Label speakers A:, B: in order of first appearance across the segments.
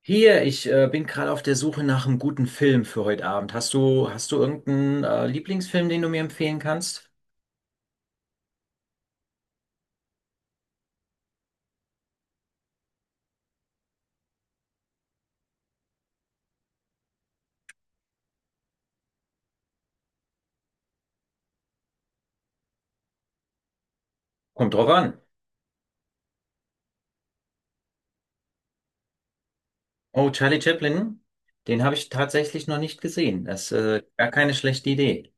A: Hier, ich bin gerade auf der Suche nach einem guten Film für heute Abend. Hast du irgendeinen Lieblingsfilm, den du mir empfehlen kannst? Kommt drauf an. Oh, Charlie Chaplin, den habe ich tatsächlich noch nicht gesehen. Das ist gar keine schlechte Idee.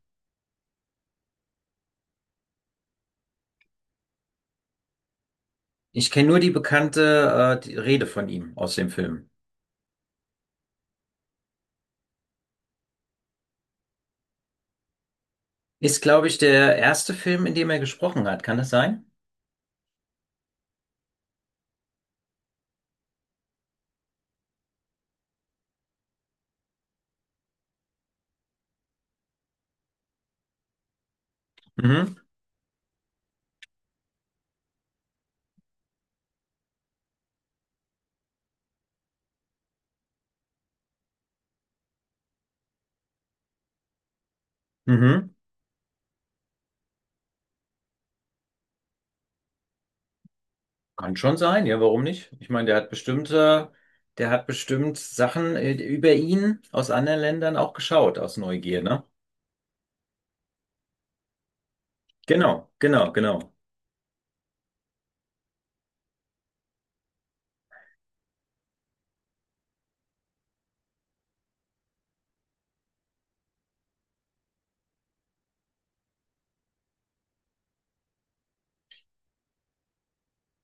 A: Ich kenne nur die bekannte die Rede von ihm aus dem Film. Ist, glaube ich, der erste Film, in dem er gesprochen hat. Kann das sein? Mhm. Mhm. Kann schon sein, ja, warum nicht? Ich meine, der hat bestimmt Sachen über ihn aus anderen Ländern auch geschaut, aus Neugier, ne? Genau, genau, genau.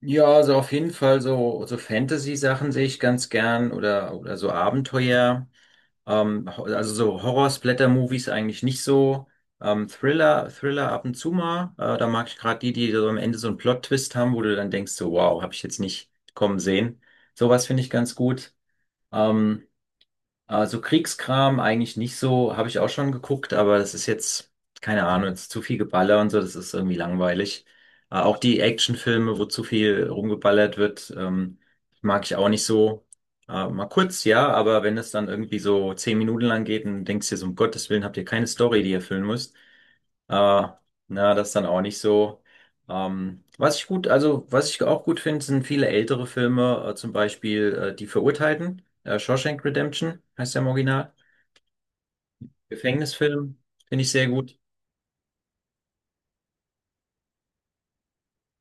A: Ja, also auf jeden Fall so Fantasy-Sachen sehe ich ganz gern oder so Abenteuer. Also so Horror-Splatter-Movies eigentlich nicht so. Thriller ab und zu mal. Da mag ich gerade die so am Ende so einen Plot-Twist haben, wo du dann denkst, so, wow, habe ich jetzt nicht kommen sehen. Sowas finde ich ganz gut. Ähm, Also Kriegskram eigentlich nicht so, habe ich auch schon geguckt, aber keine Ahnung, jetzt zu viel Geballer und so, das ist irgendwie langweilig. Auch die Actionfilme, wo zu viel rumgeballert wird, mag ich auch nicht so. Mal kurz, ja, aber wenn es dann irgendwie so zehn Minuten lang geht und denkst dir so, um Gottes Willen, habt ihr keine Story, die ihr füllen müsst, aber na, das ist dann auch nicht so. Was ich gut, also was ich auch gut finde, sind viele ältere Filme, zum Beispiel Die Verurteilten, Shawshank Redemption heißt der im Original. Gefängnisfilm finde ich sehr gut.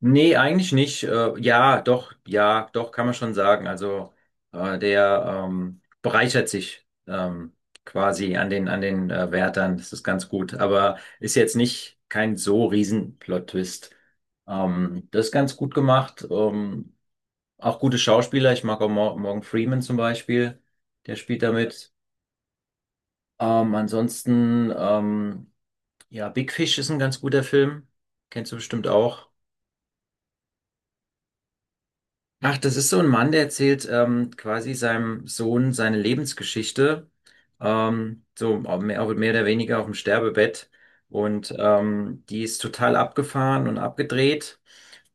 A: Nee, eigentlich nicht. Ja, doch, ja, doch, kann man schon sagen. Also der bereichert sich quasi an den Wärtern. Das ist ganz gut. Aber ist jetzt nicht kein so riesen Plot-Twist. Das ist ganz gut gemacht. Auch gute Schauspieler. Ich mag auch Morgan Freeman zum Beispiel. Der spielt damit. Ansonsten, ja, Big Fish ist ein ganz guter Film. Kennst du bestimmt auch. Ach, das ist so ein Mann, der erzählt quasi seinem Sohn seine Lebensgeschichte, ähm, auch mehr oder weniger auf dem Sterbebett. Und die ist total abgefahren und abgedreht.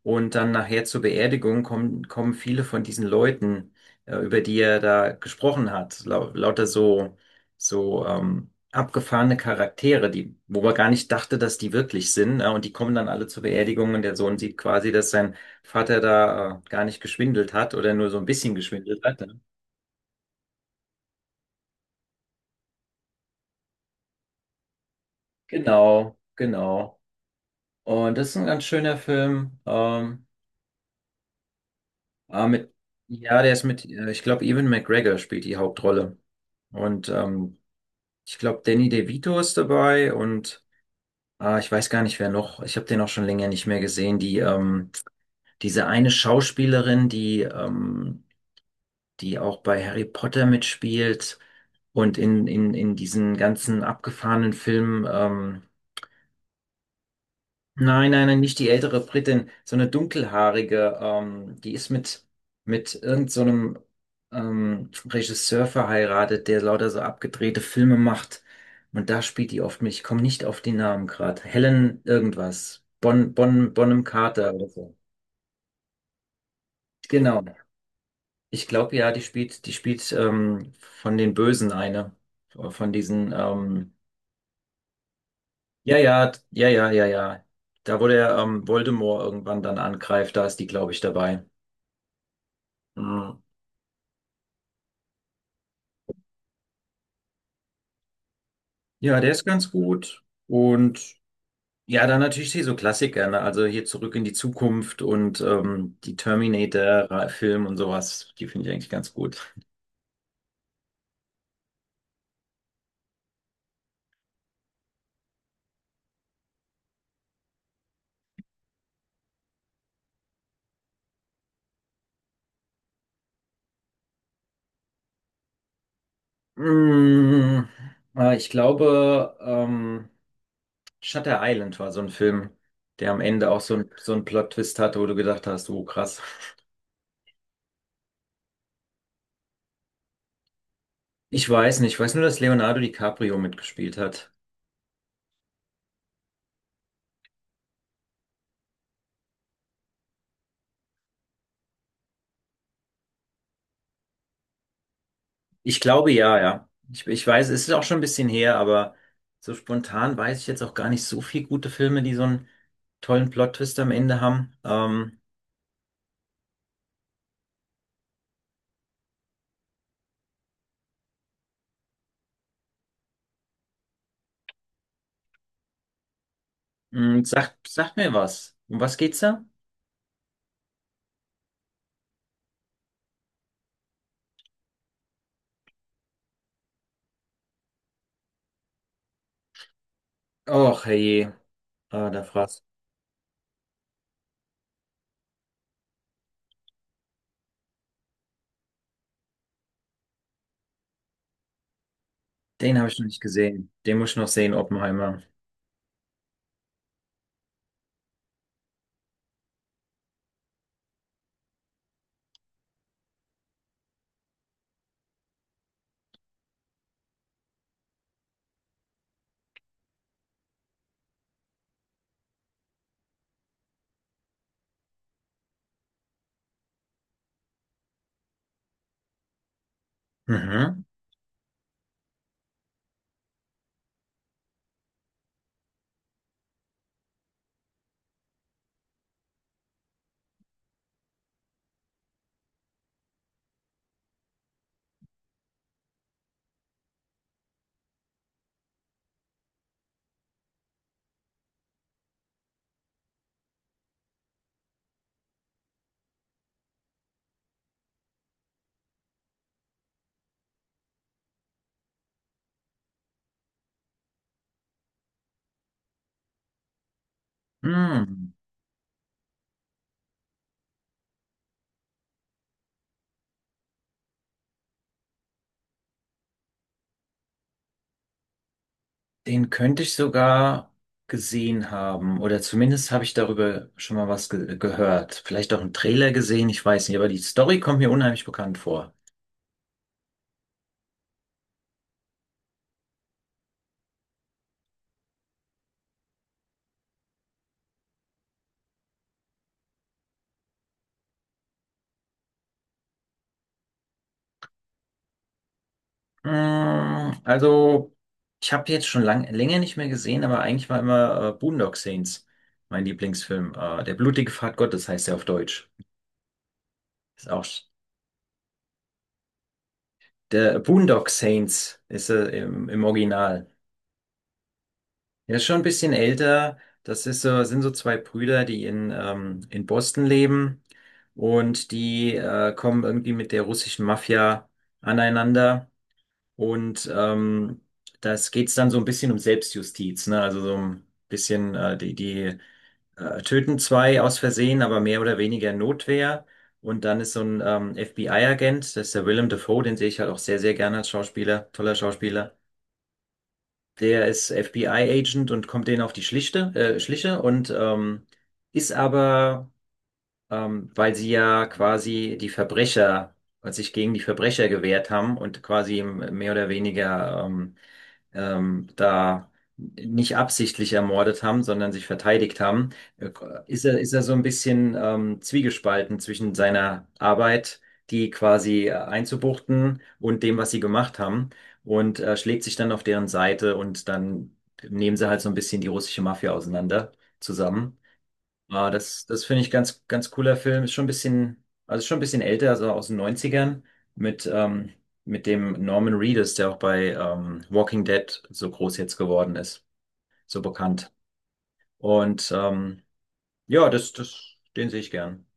A: Und dann nachher zur Beerdigung kommen viele von diesen Leuten, über die er da gesprochen hat. Lauter so, so abgefahrene Charaktere, die, wo man gar nicht dachte, dass die wirklich sind. Ne? Und die kommen dann alle zur Beerdigung und der Sohn sieht quasi, dass sein Vater da gar nicht geschwindelt hat oder nur so ein bisschen geschwindelt hat. Ne? Genau, genau. Und das ist ein ganz schöner Film. Äh, mit, ja, der ist mit ich glaube, Ewan McGregor spielt die Hauptrolle. Und ich glaube, Danny DeVito ist dabei und ich weiß gar nicht, wer noch. Ich habe den auch schon länger nicht mehr gesehen. Diese eine Schauspielerin, die auch bei Harry Potter mitspielt und in diesen ganzen abgefahrenen Filmen. Nein, nein, nein, nicht die ältere Britin, so eine dunkelhaarige, die ist mit irgend so einem Regisseur verheiratet, der lauter so abgedrehte Filme macht. Und da spielt die oft mit. Ich komme nicht auf die Namen gerade. Helen irgendwas. Bonham Carter oder so. Genau. Ich glaube ja, die spielt von den Bösen eine. Von diesen, ja, ja, ja, ja, ja, ja. Da, wo der Voldemort irgendwann dann angreift, da ist die, glaube ich, dabei. Ja, ja, der ist ganz gut. Und ja, dann natürlich hier so Klassiker, ne? Also hier Zurück in die Zukunft und die Terminator-Film und sowas, die finde ich eigentlich ganz gut. Mm, Ich glaube, Shutter Island war so ein Film, der am Ende auch so ein Plot-Twist hatte, wo du gedacht hast, oh krass. Ich weiß nicht, ich weiß nur, dass Leonardo DiCaprio mitgespielt hat. Ich glaube ja, ja. Ich weiß, es ist auch schon ein bisschen her, aber so spontan weiß ich jetzt auch gar nicht so viel gute Filme, die so einen tollen Plot-Twist am Ende haben. Sagt mir was. Um was geht's da? Och, herrje. Ah, da fragst. Den habe ich noch nicht gesehen. Den muss ich noch sehen, Oppenheimer. Mhm. Hm. Den könnte ich sogar gesehen haben. Oder zumindest habe ich darüber schon mal was ge gehört. Vielleicht auch einen Trailer gesehen, ich weiß nicht, aber die Story kommt mir unheimlich bekannt vor. Also, ich habe jetzt schon lang, länger nicht mehr gesehen, aber eigentlich war immer Boondock Saints mein Lieblingsfilm. Der blutige Pfad Gottes heißt er auf Deutsch. Ist auch der Boondock Saints ist er im, im Original. Er ist schon ein bisschen älter. Das ist so, sind so zwei Brüder, die in Boston leben und die kommen irgendwie mit der russischen Mafia aneinander. Und das geht's dann so ein bisschen um Selbstjustiz, ne? Also so ein bisschen, die töten zwei aus Versehen, aber mehr oder weniger Notwehr. Und dann ist so ein FBI-Agent, das ist der Willem Dafoe, den sehe ich halt auch sehr, sehr gerne als Schauspieler, toller Schauspieler. Der ist FBI-Agent und kommt denen auf die Schliche und ist aber, ähm, weil sie ja quasi weil sich gegen die Verbrecher gewehrt haben und quasi mehr oder weniger da nicht absichtlich ermordet haben, sondern sich verteidigt haben, äh, ist er so ein bisschen zwiegespalten zwischen seiner Arbeit, die quasi einzubuchten und dem, was sie gemacht haben, und schlägt sich dann auf deren Seite und dann nehmen sie halt so ein bisschen die russische Mafia auseinander zusammen. Ah, das, das finde ich ganz, ganz cooler Film. Ist schon ein bisschen, also schon ein bisschen älter, also aus den Neunzigern mit, ähm, mit dem Norman Reedus, der auch bei Walking Dead so groß jetzt geworden ist, so bekannt. Und ja, den sehe ich gern.